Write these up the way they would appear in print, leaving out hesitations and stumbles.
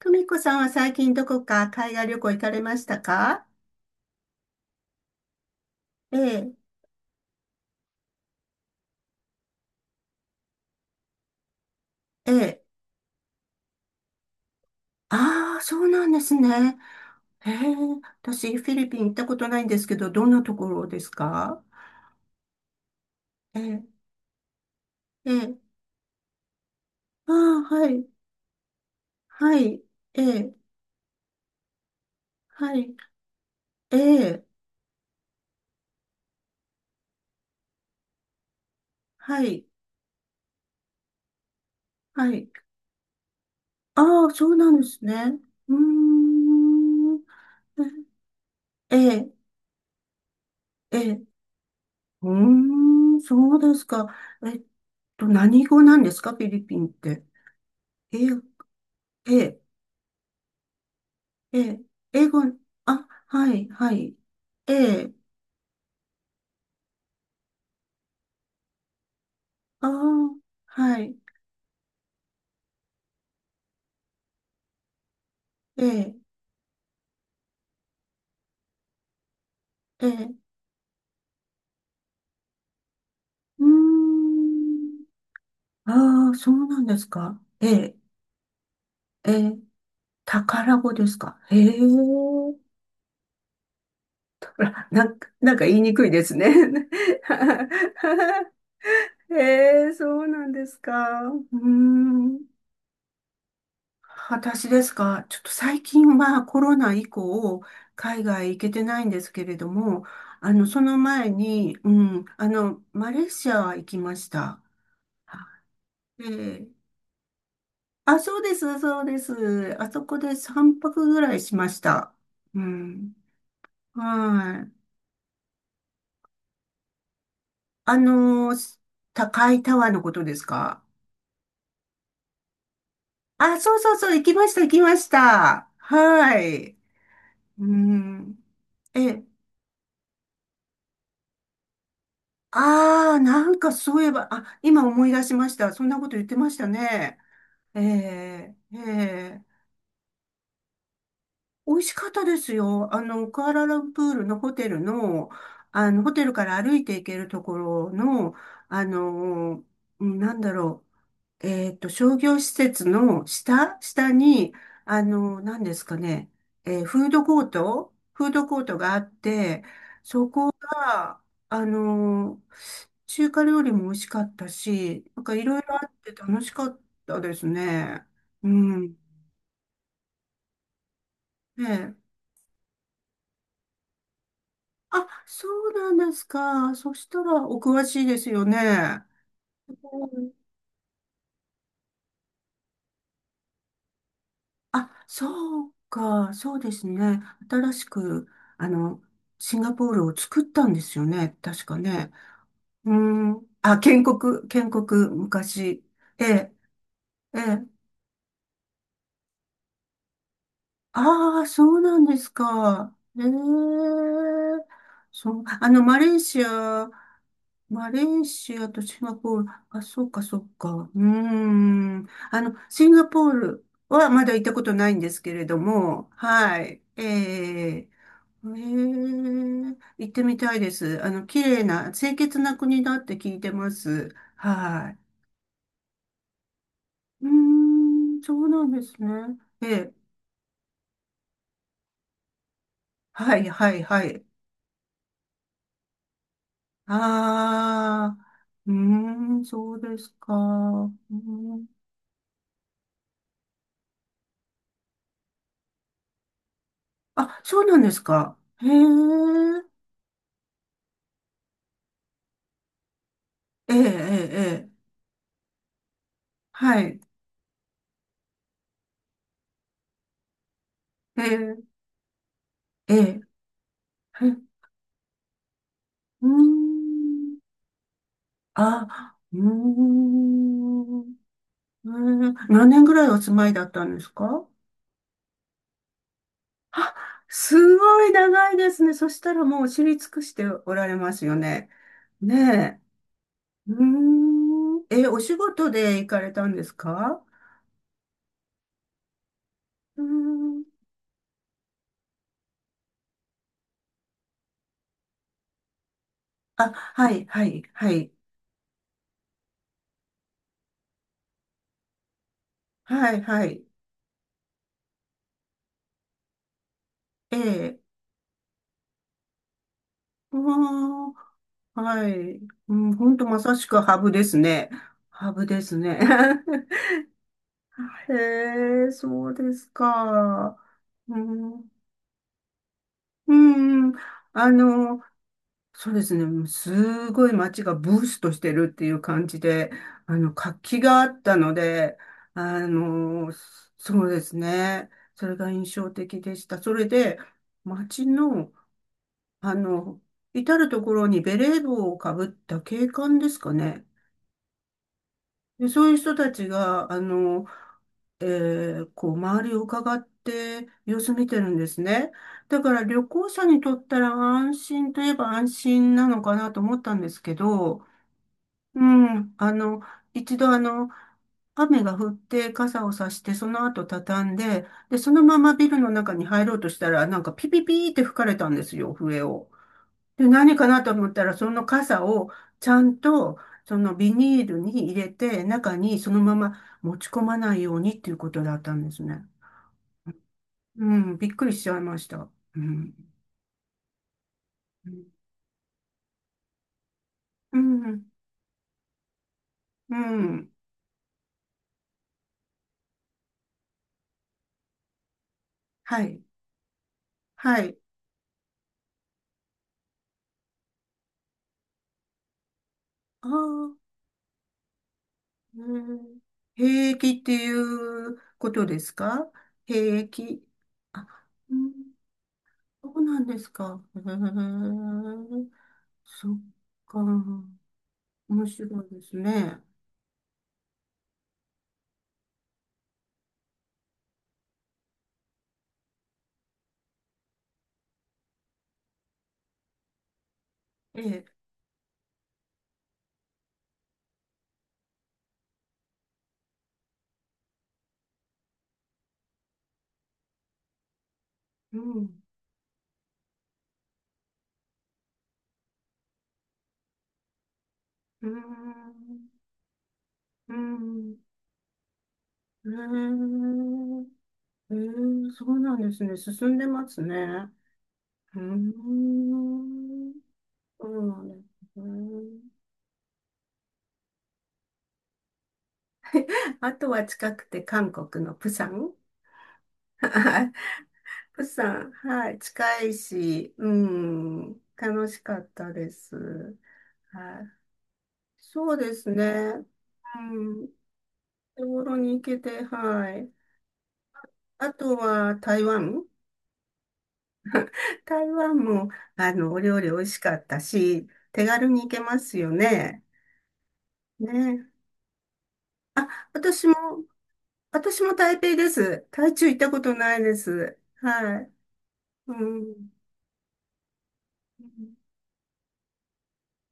久美子さんは最近どこか海外旅行行かれましたか？ええ、ええ。ああ、そうなんですね。ええ、私フィリピン行ったことないんですけど、どんなところですか？ええ、ええ。ああ、はい、はい、ええ、はい、ええ、はい、はい。ああ、そうなんですね。うーん、ええ、ええ。うーん、そうですか。えっ何語なんですか、フィリピンって。ええ、ええ。ええ、英語、あ、はい、はい。ええ、ああ、はい、ええ、ええ、うーん、ああ、そうなんですか。ええ、ええ、宝語ですか？へえ、あらなんか、なんか言いにくいですね。へえ、そうなんですか？うーん。私ですか？ちょっと最近はコロナ以降、海外行けてないんですけれども、あの、その前に、うん、あの、マレーシアは行きました。はい。で、あ、そうです、そうです。あそこで3泊ぐらいしました。うん。はい。あの、高いタワーのことですか？あ、そうそうそう、行きました、行きました。はい。うん。ええ。ああ、なんかそういえば、あ、今思い出しました。そんなこと言ってましたね。ええ、ええ、美味しかったですよ。あの、クアラルンプールのホテルの、あの、ホテルから歩いて行けるところの、あの、うん、なんだろう、商業施設の下に、あの、何ですかね、フードコート、フードコートがあって、あの、中華料理も美味しかったし、なんかいろいろあって楽しかったですね。うん。ねええ。あ、そうなんですか。そしたらお詳しいですよね。うん。あ、そうか。そうですね。新しく、あの、シンガポールを作ったんですよね。確かね。うん。あ、建国、建国、昔。ええ、ええ。ああ、そうなんですか。ええ。そう、あの、マレーシアとシンガポール、あ、そうか、そうか。うーん。あの、シンガポールはまだ行ったことないんですけれども、はい。ええええ。行ってみたいです。あの、綺麗な、清潔な国だって聞いてます。はい。うーん、そうなんですね。ええ。はい、はい、はい。ああ、うーん、そうですか。うん、あ、そうなんですか。へえ、ええ、ええ、ええ。はい。ええ、ええ、へ、うーん、あ、うーん、ええ、何年ぐらいお住まいだったんですか？あ、すごい長いですね。そしたらもう知り尽くしておられますよね。ねえ。うーん、え、お仕事で行かれたんですか？うーん。あ、はい、はい、はい、はい、はい、ええ、うーん、はい、うん、ほんとまさしくハブですね。ハブですね。へえ、そうですか。うん、うん、あの、そうですね、すごい街がブーストしてるっていう感じで、あの、活気があったので、あの、そうですね、それが印象的でした。それで、街の、あの、至るところにベレー帽をかぶった警官ですかね。で、そういう人たちが、あの、えこう、周りを伺って様子見てるんですね。だから旅行者にとったら安心といえば安心なのかなと思ったんですけど、うん、あの、一度あの、雨が降って傘をさして、その後畳んで、で、そのままビルの中に入ろうとしたら、なんかピピピーって吹かれたんですよ、笛を。で、何かなと思ったら、その傘をちゃんと、そのビニールに入れて、中にそのまま持ち込まないようにっていうことだったんですね。うん、びっくりしちゃいました。うん。うん、うん、はい、はい。ああ、うん。兵役っていうことですか？兵役。あ、うん、そうなんですか。へえ、そっか。面白いですね。ええ。うん、うん、うん、うん、うん、うん、そうなんですね。進んでますね。うん、そうなんですね。あとは近くて韓国のプサン。プサン、はい、近いし、うん、楽しかったです。はい、そうですね。うん、手頃に行けて、はい。あとは台湾。台湾も、あの、お料理美味しかったし、手軽に行けますよね。ね。あ、私も、私も台北です。台中行ったことないです。はい。うん。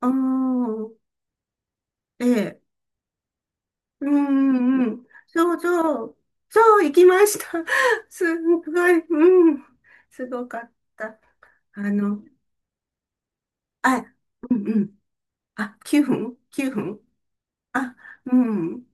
ああ、ええ。うんうんうん。そうそう。そう、行きました。すんごい。うん。すごかった。あの、あ、うんうん。あ、9分 ?9 分。あ、うん。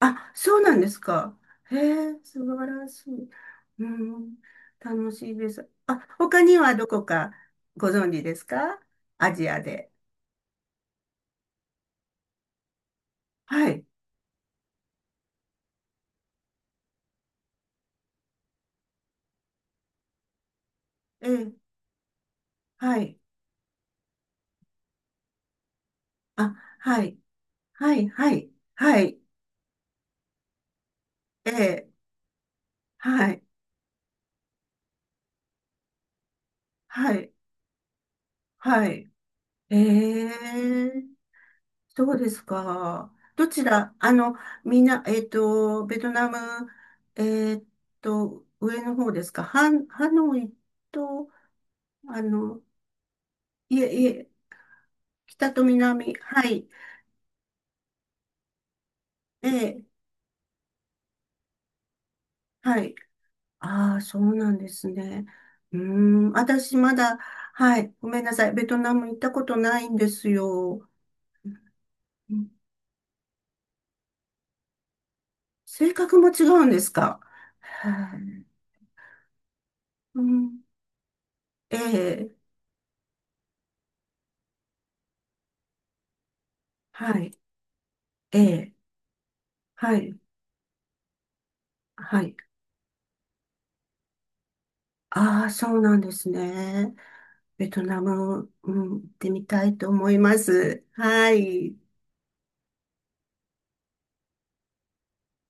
あ、そうなんですか。へえ、素晴らしい。うん、楽しいです。あ、他にはどこかご存知ですか？アジアで。はい。ええ、はい。あ、はい。はい、はい。はい。ええ、はい。はい。はい。ええ、そうですか。どちら、あの、みんな、ベトナム、えっ上の方ですか。ハノイと、あの、いえいえ、北と南。はい。ええ、はい。ああ、そうなんですね。うーん、私まだ、はい。ごめんなさい。ベトナム行ったことないんですよ。うん、性格も違うんですか？はい。うん、ええ、はい。ええ、はい。はい。ああ、そうなんですね。ベトナム、うん、行ってみたいと思います。はい。